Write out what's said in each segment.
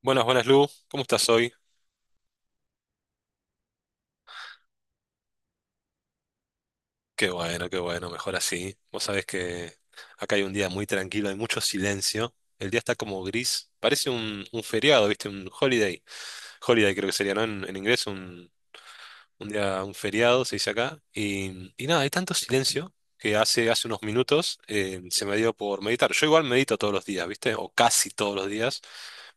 Buenas, buenas, Lu. ¿Cómo estás hoy? Qué bueno, mejor así. Vos sabés que acá hay un día muy tranquilo, hay mucho silencio. El día está como gris. Parece un feriado, ¿viste? Un holiday. Holiday creo que sería, ¿no? En inglés, un día, un feriado se dice acá. Y nada, hay tanto silencio que hace unos minutos se me dio por meditar. Yo igual medito todos los días, ¿viste? O casi todos los días.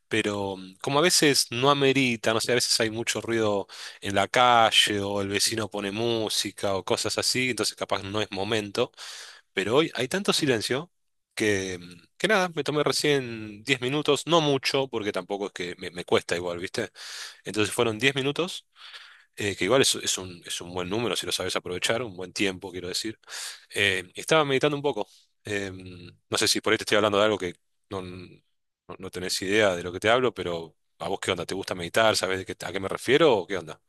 Pero como a veces no amerita, no sé, a veces hay mucho ruido en la calle o el vecino pone música o cosas así, entonces capaz no es momento, pero hoy hay tanto silencio que nada, me tomé recién 10 minutos, no mucho, porque tampoco es que me cuesta igual, ¿viste? Entonces fueron 10 minutos que igual es un buen número si lo sabes aprovechar, un buen tiempo, quiero decir. Estaba meditando un poco. No sé si por ahí te estoy hablando de algo que no, no, no tenés idea de lo que te hablo, pero ¿a vos qué onda? ¿Te gusta meditar? ¿Sabés de qué, a qué me refiero o qué onda?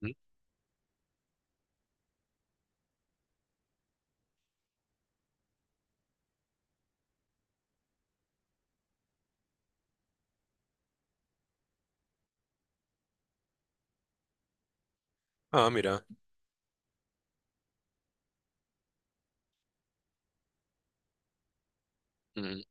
¿Mm? Ah, mira. Mm,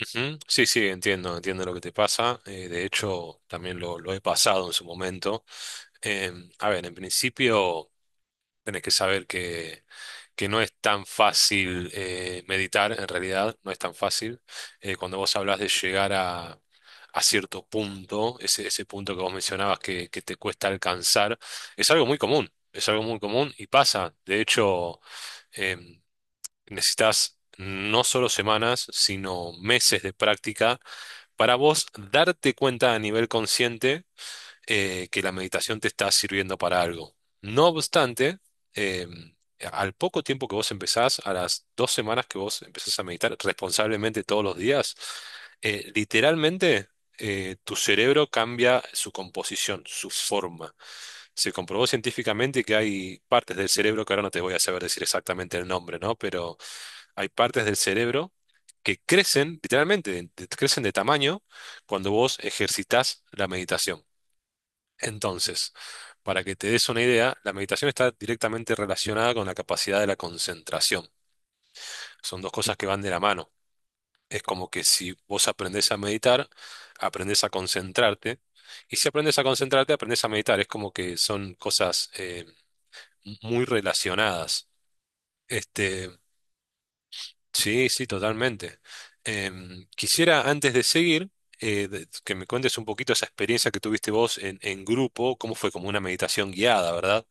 ujú. Sí, sí, entiendo, entiendo lo que te pasa. De hecho, también lo he pasado en su momento. Eh, a ver, en principio, tenés que saber que no es tan fácil meditar, en realidad, no es tan fácil. Cuando vos hablas de llegar a cierto punto, ese punto que vos mencionabas que te cuesta alcanzar, es algo muy común, es algo muy común y pasa. De hecho, em, necesitas no solo semanas, sino meses de práctica para vos darte cuenta a nivel consciente que la meditación te está sirviendo para algo. No obstante, eh, al poco tiempo que vos empezás, a las 2 semanas que vos empezás a meditar responsablemente todos los días, literalmente tu cerebro cambia su composición, su forma. Se comprobó científicamente que hay partes del cerebro, que ahora no te voy a saber decir exactamente el nombre, ¿no? Pero hay partes del cerebro que crecen, literalmente, crecen de tamaño cuando vos ejercitás la meditación. Entonces, para que te des una idea, la meditación está directamente relacionada con la capacidad de la concentración. Son dos cosas que van de la mano. Es como que si vos aprendés a meditar, aprendés a concentrarte, y si aprendes a concentrarte, aprendes a meditar. Es como que son cosas muy relacionadas. Este, sí, sí, totalmente. Quisiera, antes de seguir, que me cuentes un poquito esa experiencia que tuviste vos en grupo, cómo fue como una meditación guiada, ¿verdad?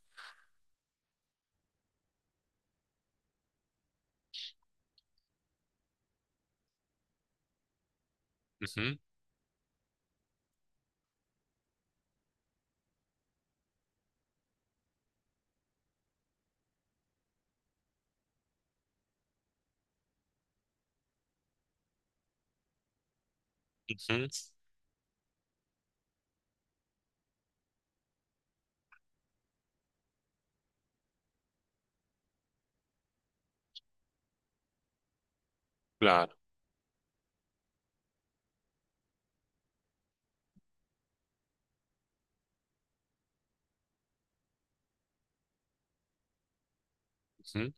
Ujú. Claro. Ujú.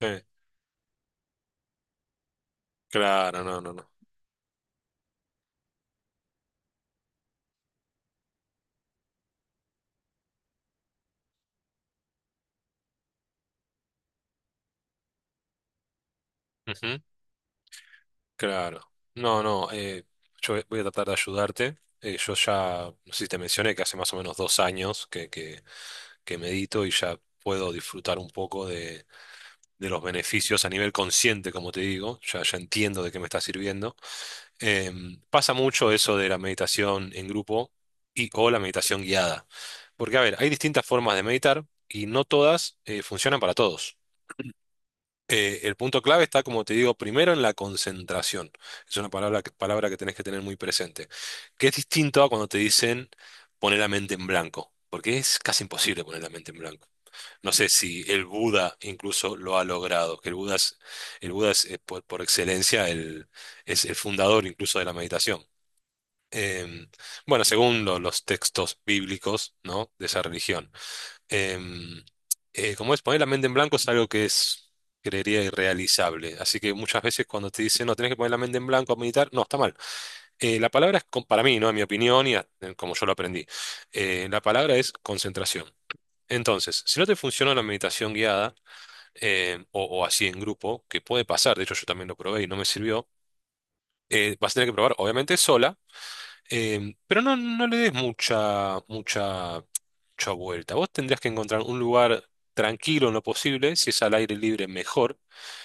eh, claro. No, no, no. Ujú. Claro. No, no, yo voy a tratar de ayudarte. Yo ya, no sé si te mencioné que hace más o menos 2 años que medito y ya puedo disfrutar un poco de los beneficios a nivel consciente, como te digo. Ya, ya entiendo de qué me está sirviendo. Pasa mucho eso de la meditación en grupo y o la meditación guiada. Porque, a ver, hay distintas formas de meditar y no todas funcionan para todos. El punto clave está, como te digo, primero en la concentración. Es una palabra que tenés que tener muy presente. Que es distinto a cuando te dicen poner la mente en blanco, porque es casi imposible poner la mente en blanco. No sé si el Buda incluso lo ha logrado, que el Buda es, por excelencia es el fundador incluso de la meditación. Em, bueno, según los textos bíblicos, ¿no? De esa religión. Em, Poner la mente en blanco es algo que es, creería, irrealizable. Así que muchas veces cuando te dicen, no, tenés que poner la mente en blanco a meditar, no, está mal. La palabra es, para mí, ¿no? En mi opinión y como yo lo aprendí, la palabra es concentración. Entonces, si no te funciona la meditación guiada o así en grupo, que puede pasar, de hecho yo también lo probé y no me sirvió, vas a tener que probar, obviamente, sola. Pero no le des mucha, mucha, mucha vuelta. Vos tendrías que encontrar un lugar tranquilo en lo posible. Si es al aire libre, mejor.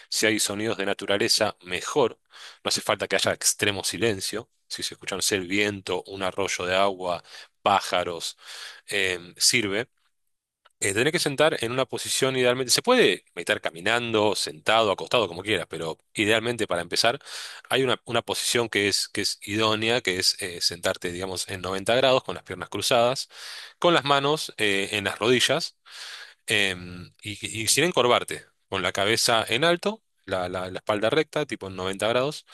Si hay sonidos de naturaleza, mejor. No hace falta que haya extremo silencio. Si se escucha, no sé, el viento, un arroyo de agua, pájaros, sirve. Tenés que sentar en una posición idealmente. Se puede meditar caminando, sentado, acostado, como quieras, pero idealmente para empezar hay una posición que es idónea, que es, sentarte, digamos, en 90 grados, con las piernas cruzadas, con las manos en las rodillas y sin encorvarte, con la cabeza en alto, la espalda recta, tipo en 90 grados,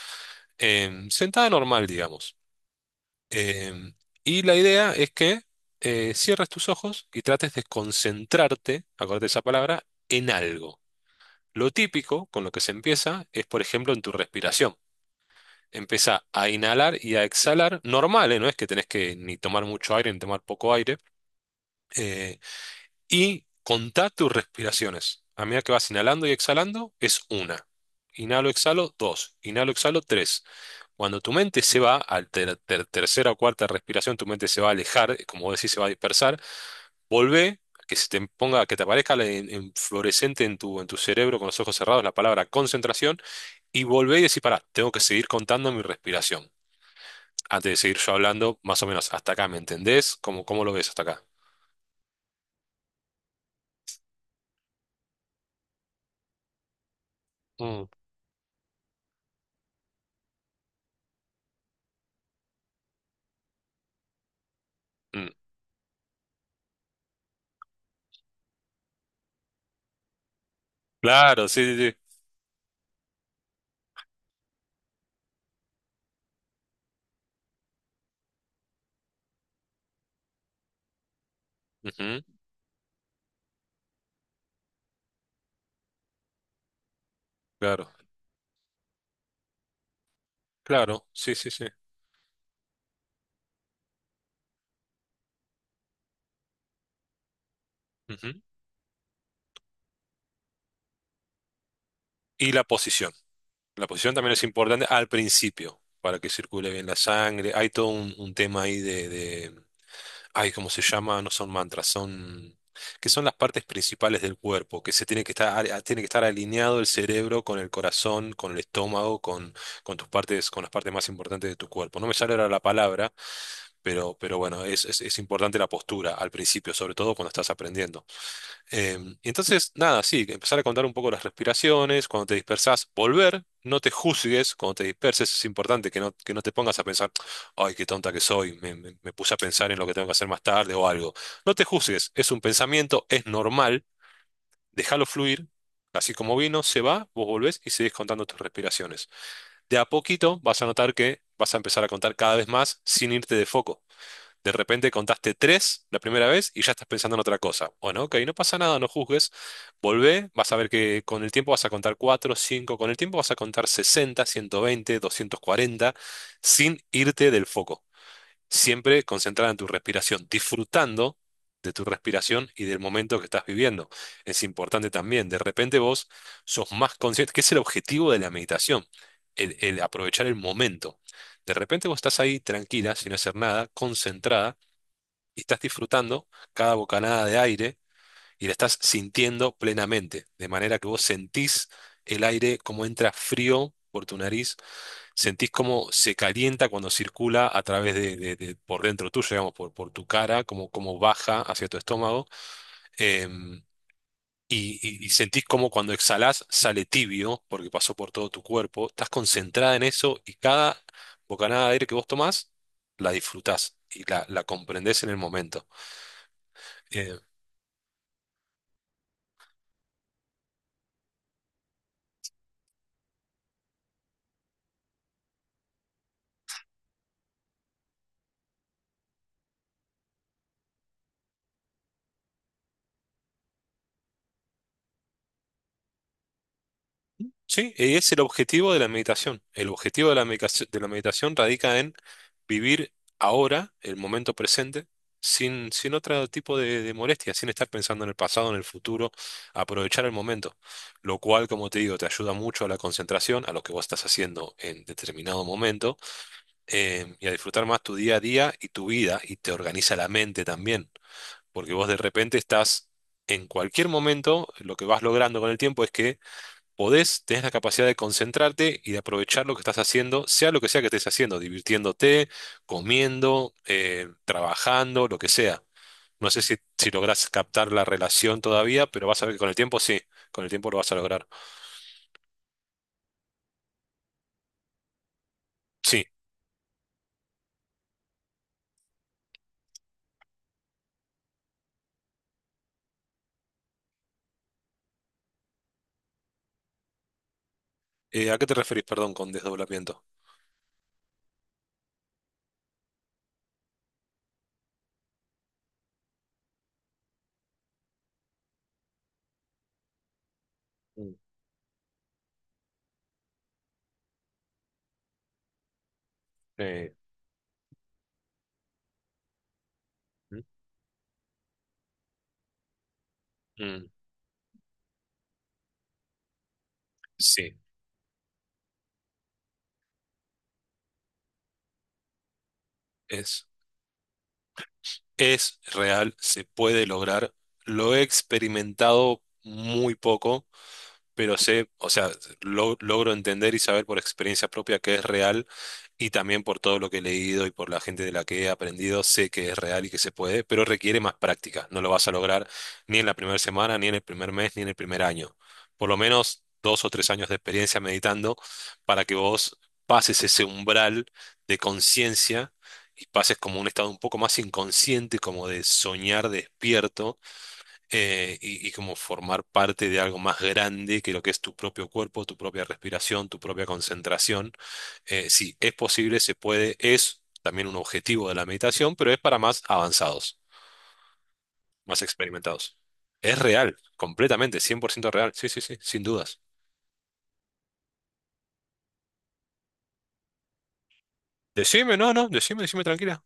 sentada normal, digamos. Em, y la idea es que cierres tus ojos y trates de concentrarte, acuérdate esa palabra, en algo. Lo típico con lo que se empieza es, por ejemplo, en tu respiración. Empieza a inhalar y a exhalar, normal, ¿eh? No es que tenés que ni tomar mucho aire ni tomar poco aire. eh, y contá tus respiraciones. A medida que vas inhalando y exhalando, es una. Inhalo, exhalo, dos. Inhalo, exhalo, tres. Cuando tu mente se va, al tercera o cuarta respiración, tu mente se va a alejar, como vos decís, se va a dispersar. Volvé, que se te ponga, que te aparezca en fluorescente en tu cerebro con los ojos cerrados la palabra concentración, y volvé y decís, pará, tengo que seguir contando mi respiración. Antes de seguir yo hablando, más o menos, hasta acá, ¿me entendés? ¿Cómo lo ves hasta acá? Mm. Mm. Claro, sí, sí, sí. Ujú. Claro, claro, sí, sí, sí. Ujú. Y la posición. La posición también es importante al principio, para que circule bien la sangre. Hay todo un tema ahí. Ay, ¿cómo se llama? No son mantras. Que son las partes principales del cuerpo, que se tiene que estar, tiene que estar alineado el cerebro con el corazón, con el estómago, con, tus partes, con las partes más importantes de tu cuerpo. No me sale ahora la palabra, bueno, es importante la postura al principio, sobre todo cuando estás aprendiendo. Y entonces, nada, sí, empezar a contar un poco las respiraciones, cuando te dispersas, volver, no te juzgues, cuando te disperses es importante que no te pongas a pensar, ay, qué tonta que soy, me puse a pensar en lo que tengo que hacer más tarde o algo. No te juzgues, es un pensamiento, es normal, déjalo fluir, así como vino, se va, vos volvés y seguís contando tus respiraciones. De a poquito vas a notar que vas a empezar a contar cada vez más sin irte de foco. De repente contaste tres la primera vez y ya estás pensando en otra cosa. Bueno, ok, no pasa nada, no juzgues. Volvé, vas a ver que con el tiempo vas a contar cuatro, cinco, con el tiempo vas a contar 60, 120, 240 sin irte del foco. Siempre concentrada en tu respiración, disfrutando de tu respiración y del momento que estás viviendo. Es importante también, de repente vos sos más consciente, que es el objetivo de la meditación, el aprovechar el momento. De repente vos estás ahí tranquila, sin hacer nada, concentrada, y estás disfrutando cada bocanada de aire y la estás sintiendo plenamente, de manera que vos sentís el aire como entra frío por tu nariz, sentís cómo se calienta cuando circula a través de, por dentro tuyo, digamos, por, tu cara, como, como baja hacia tu estómago, em, y sentís como cuando exhalás sale tibio, porque pasó por todo tu cuerpo, estás concentrada en eso y cada bocanada de aire que vos tomás, la disfrutás y la comprendés en el momento. Eh, Sí, y es el objetivo de la meditación. El objetivo de la meditación radica en vivir ahora, el momento presente, sin otro tipo de molestia, sin estar pensando en el pasado, en el futuro, aprovechar el momento, lo cual, como te digo, te ayuda mucho a la concentración, a lo que vos estás haciendo en determinado momento, y a disfrutar más tu día a día y tu vida, y te organiza la mente también, porque vos de repente estás, en cualquier momento, lo que vas logrando con el tiempo es que podés, tenés la capacidad de concentrarte y de aprovechar lo que estás haciendo, sea lo que sea que estés haciendo, divirtiéndote, comiendo, trabajando, lo que sea. No sé si lográs captar la relación todavía, pero vas a ver que con el tiempo sí, con el tiempo lo vas a lograr. Sí. ¿A qué te referís, perdón, con desdoblamiento? Mm, eh, mm, mm, sí, es, es real, se puede lograr. Lo he experimentado muy poco pero sé, o sea, logro entender y saber por experiencia propia que es real y también por todo lo que he leído y por la gente de la que he aprendido, sé que es real y que se puede, pero requiere más práctica. No lo vas a lograr ni en la primera semana, ni en el primer mes, ni en el primer año. Por lo menos 2 o 3 años de experiencia meditando para que vos pases ese umbral de conciencia. Y pases como un estado un poco más inconsciente, como de soñar despierto, y como formar parte de algo más grande que lo que es tu propio cuerpo, tu propia respiración, tu propia concentración. Sí, es posible, se puede, es también un objetivo de la meditación, pero es para más avanzados, más experimentados. Es real, completamente, 100% real. Sí, sí, sí, sin dudas. Decime, no, no, decime, decime tranquila.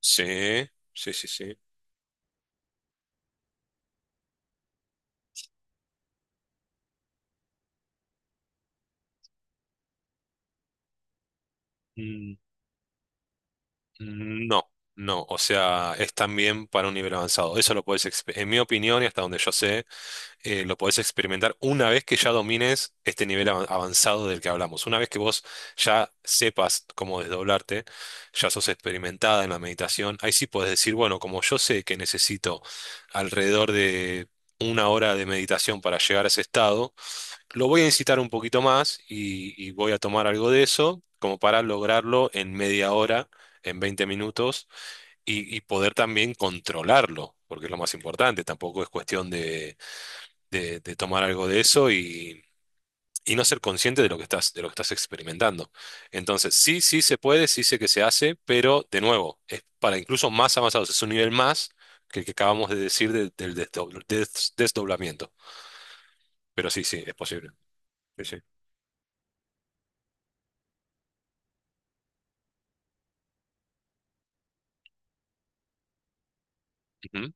Sí, sí, sí, sí. Mm. No, no, o sea, es también para un nivel avanzado. Eso lo puedes, en mi opinión y hasta donde yo sé, lo podés experimentar una vez que ya domines este nivel avanzado del que hablamos. Una vez que vos ya sepas cómo desdoblarte, ya sos experimentada en la meditación, ahí sí podés decir, bueno, como yo sé que necesito alrededor de 1 hora de meditación para llegar a ese estado, lo voy a incitar un poquito más y voy a tomar algo de eso como para lograrlo en media hora. En 20 minutos y poder también controlarlo, porque es lo más importante, tampoco es cuestión de tomar algo de eso y no ser consciente de lo que estás experimentando. Entonces, sí, sí se puede, sí sé que se hace, pero de nuevo, es para incluso más avanzados, es un nivel más que el que acabamos de decir del desdoblamiento. Pero sí, sí, es posible. Sí, sí. Ujú.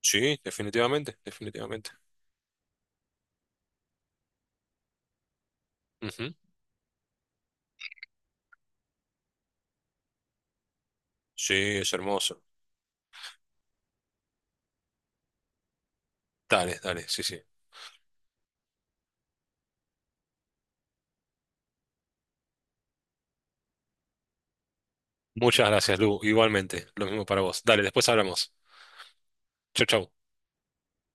Sí, definitivamente, definitivamente. Ujú. Sí, es hermoso. Dale, dale, sí, sí. Muchas gracias, Lu. Igualmente, lo mismo para vos. Dale, después hablamos. Chau, chau.